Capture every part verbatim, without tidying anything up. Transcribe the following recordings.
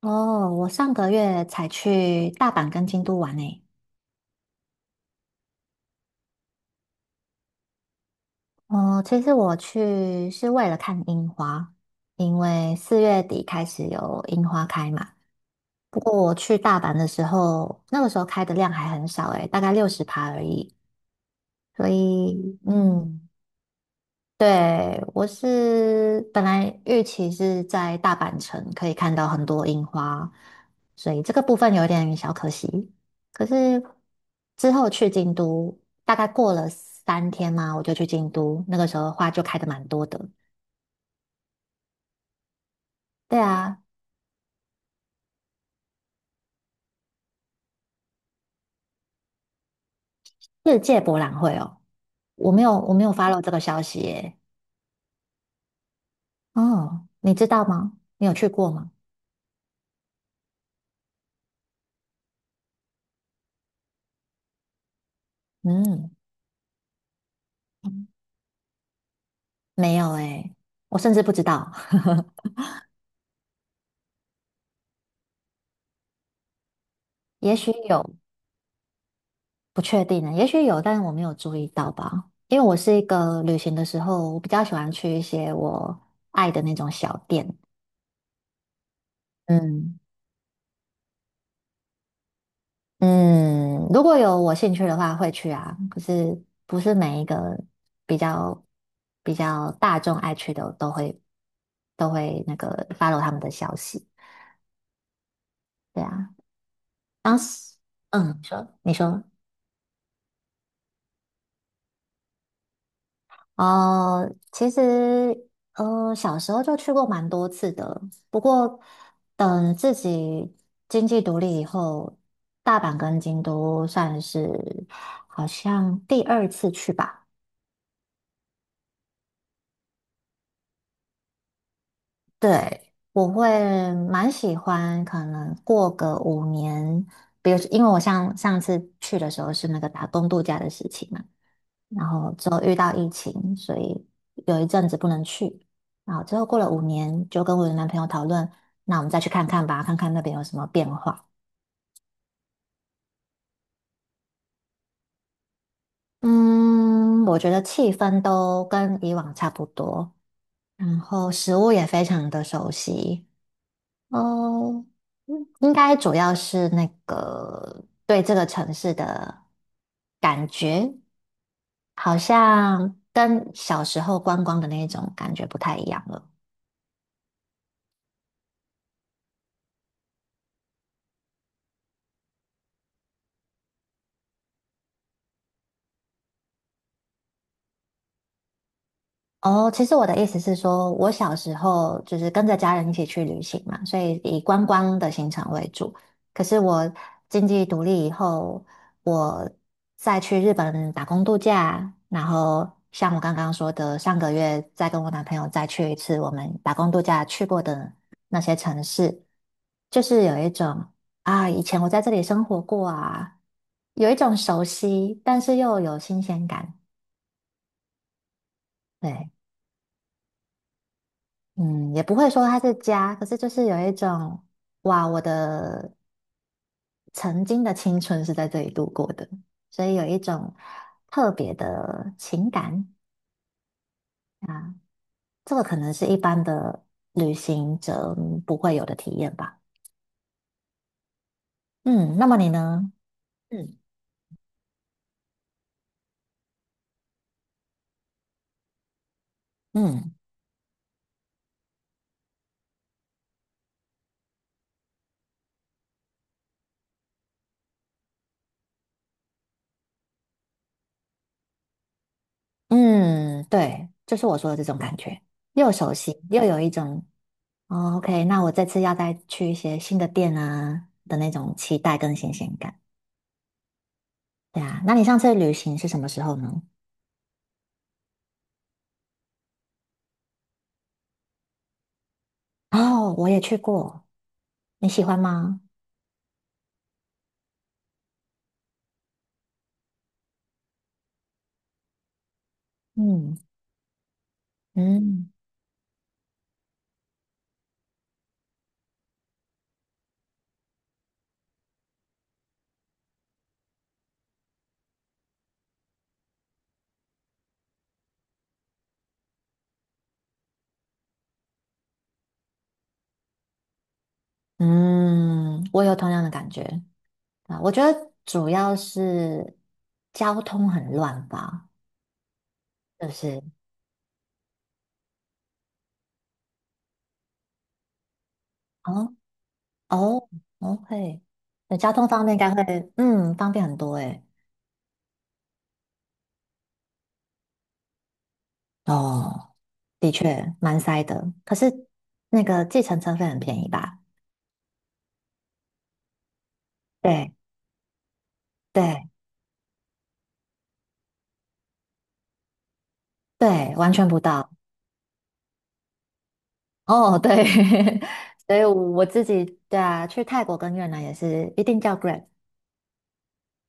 哦，我上个月才去大阪跟京都玩诶。哦，其实我去是为了看樱花，因为四月底开始有樱花开嘛。不过我去大阪的时候，那个时候开的量还很少诶，大概六十趴而已。所以，嗯，对，我是本来预期是在大阪城可以看到很多樱花，所以这个部分有点小可惜。可是之后去京都，大概过了三天嘛，我就去京都，那个时候花就开的蛮多的。对啊，世界博览会哦，我没有我没有 follow 这个消息耶。哦，你知道吗？你有去过吗？嗯，没有诶，我甚至不知道，也许有。不确定呢，也许有，但是我没有注意到吧。因为我是一个旅行的时候，我比较喜欢去一些我爱的那种小店。嗯嗯，如果有我兴趣的话会去啊，可是不是每一个比较比较大众爱去的都会都会那个 follow 他们的消息。对啊，当时嗯，你说你说。呃，其实呃，小时候就去过蛮多次的，不过等自己经济独立以后，大阪跟京都算是好像第二次去吧。对，我会蛮喜欢，可能过个五年，比如因为我上上次去的时候是那个打工度假的事情嘛。然后之后遇到疫情，所以有一阵子不能去。然后之后过了五年，就跟我的男朋友讨论，那我们再去看看吧，看看那边有什么变化。嗯，我觉得气氛都跟以往差不多，然后食物也非常的熟悉。哦，嗯应该主要是那个对这个城市的感觉，好像跟小时候观光的那种感觉不太一样了。哦，其实我的意思是说，我小时候就是跟着家人一起去旅行嘛，所以以观光的行程为主。可是我经济独立以后，我再去日本打工度假，然后像我刚刚说的，上个月再跟我男朋友再去一次我们打工度假去过的那些城市，就是有一种啊，以前我在这里生活过啊，有一种熟悉，但是又有新鲜感。对。嗯，也不会说它是家，可是就是有一种，哇，我的曾经的青春是在这里度过的，所以有一种特别的情感啊，这个可能是一般的旅行者嗯不会有的体验吧。嗯，那么你呢？嗯嗯嗯，对，就是我说的这种感觉，又熟悉又有一种，哦，OK，那我这次要再去一些新的店啊的那种期待跟新鲜感。对啊，那你上次旅行是什么时候呢？哦，我也去过，你喜欢吗？嗯嗯嗯，我有同样的感觉啊。我觉得主要是交通很乱吧，就是哦哦，OK，那交通方面应该会嗯方便很多诶。哦，的确蛮塞的，可是那个计程车费很便宜吧？对对对，完全不到。哦，对，所以我自己对啊，去泰国跟越南也是一定叫 Grab，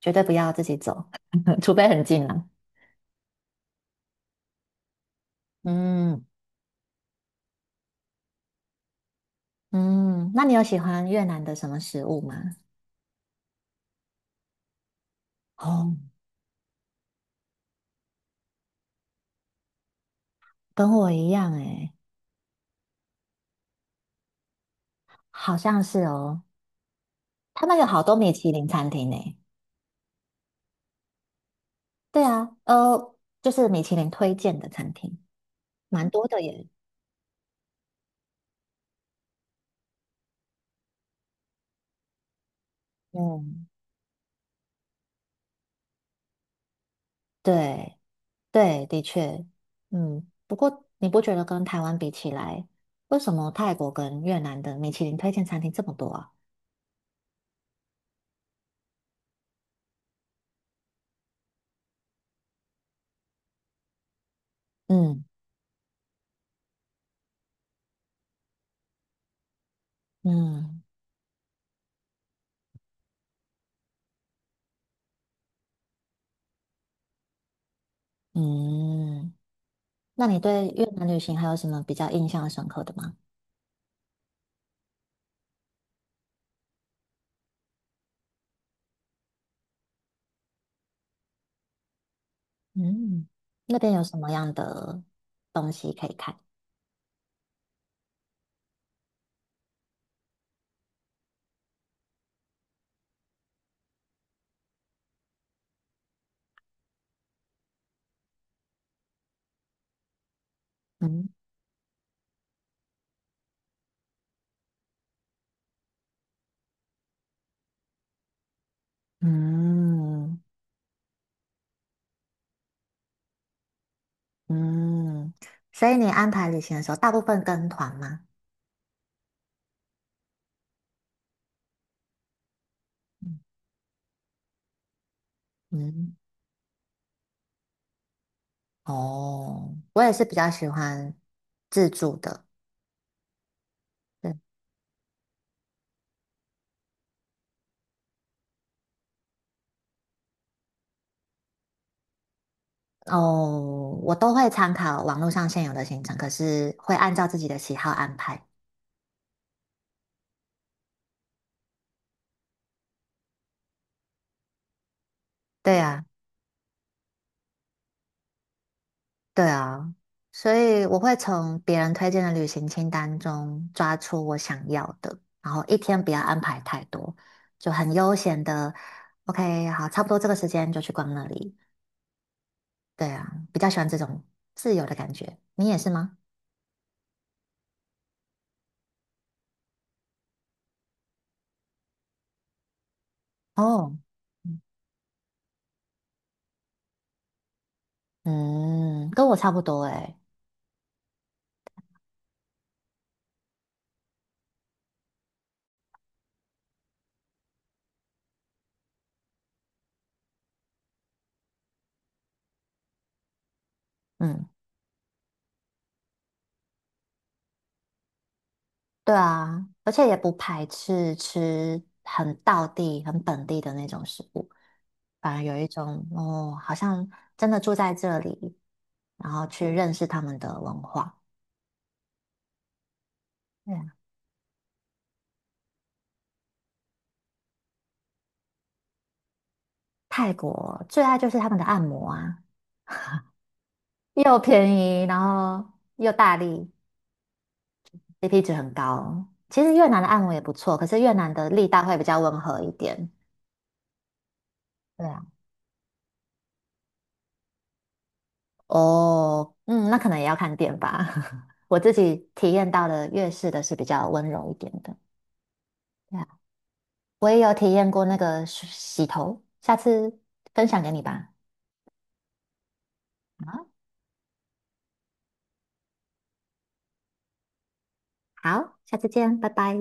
绝对不要自己走，除非很近了。嗯嗯，那你有喜欢越南的什么食物吗？哦，跟我一样诶，好像是哦，他们有好多米其林餐厅诶。对啊，呃，就是米其林推荐的餐厅，蛮多的耶。嗯，对。对，的确，嗯，不过你不觉得跟台湾比起来，为什么泰国跟越南的米其林推荐餐厅这么多啊？嗯嗯嗯，那你对越南旅行还有什么比较印象深刻的吗？嗯，那边有什么样的东西可以看？嗯嗯嗯，所以你安排旅行的时候，大部分跟团吗？嗯，嗯哦，我也是比较喜欢自助的，哦，我都会参考网络上现有的行程，可是会按照自己的喜好安排。对啊，对啊，所以我会从别人推荐的旅行清单中抓出我想要的，然后一天不要安排太多，就很悠闲的。OK，好，差不多这个时间就去逛那里。对啊，比较喜欢这种自由的感觉。你也是吗？哦，嗯，跟我差不多诶。嗯。对啊，而且也不排斥吃很道地、很本地的那种食物，反而有一种哦，好像真的住在这里，然后去认识他们的文化。对啊，泰国最爱就是他们的按摩啊，又便宜，然后又大力，C P 值很高。其实越南的按摩也不错，可是越南的力道会比较温和一点。对啊哦，嗯，那可能也要看店吧。我自己体验到的粤式的是比较温柔一点的，对啊，我也有体验过那个洗洗头，下次分享给你吧。好，好，下次见，拜拜。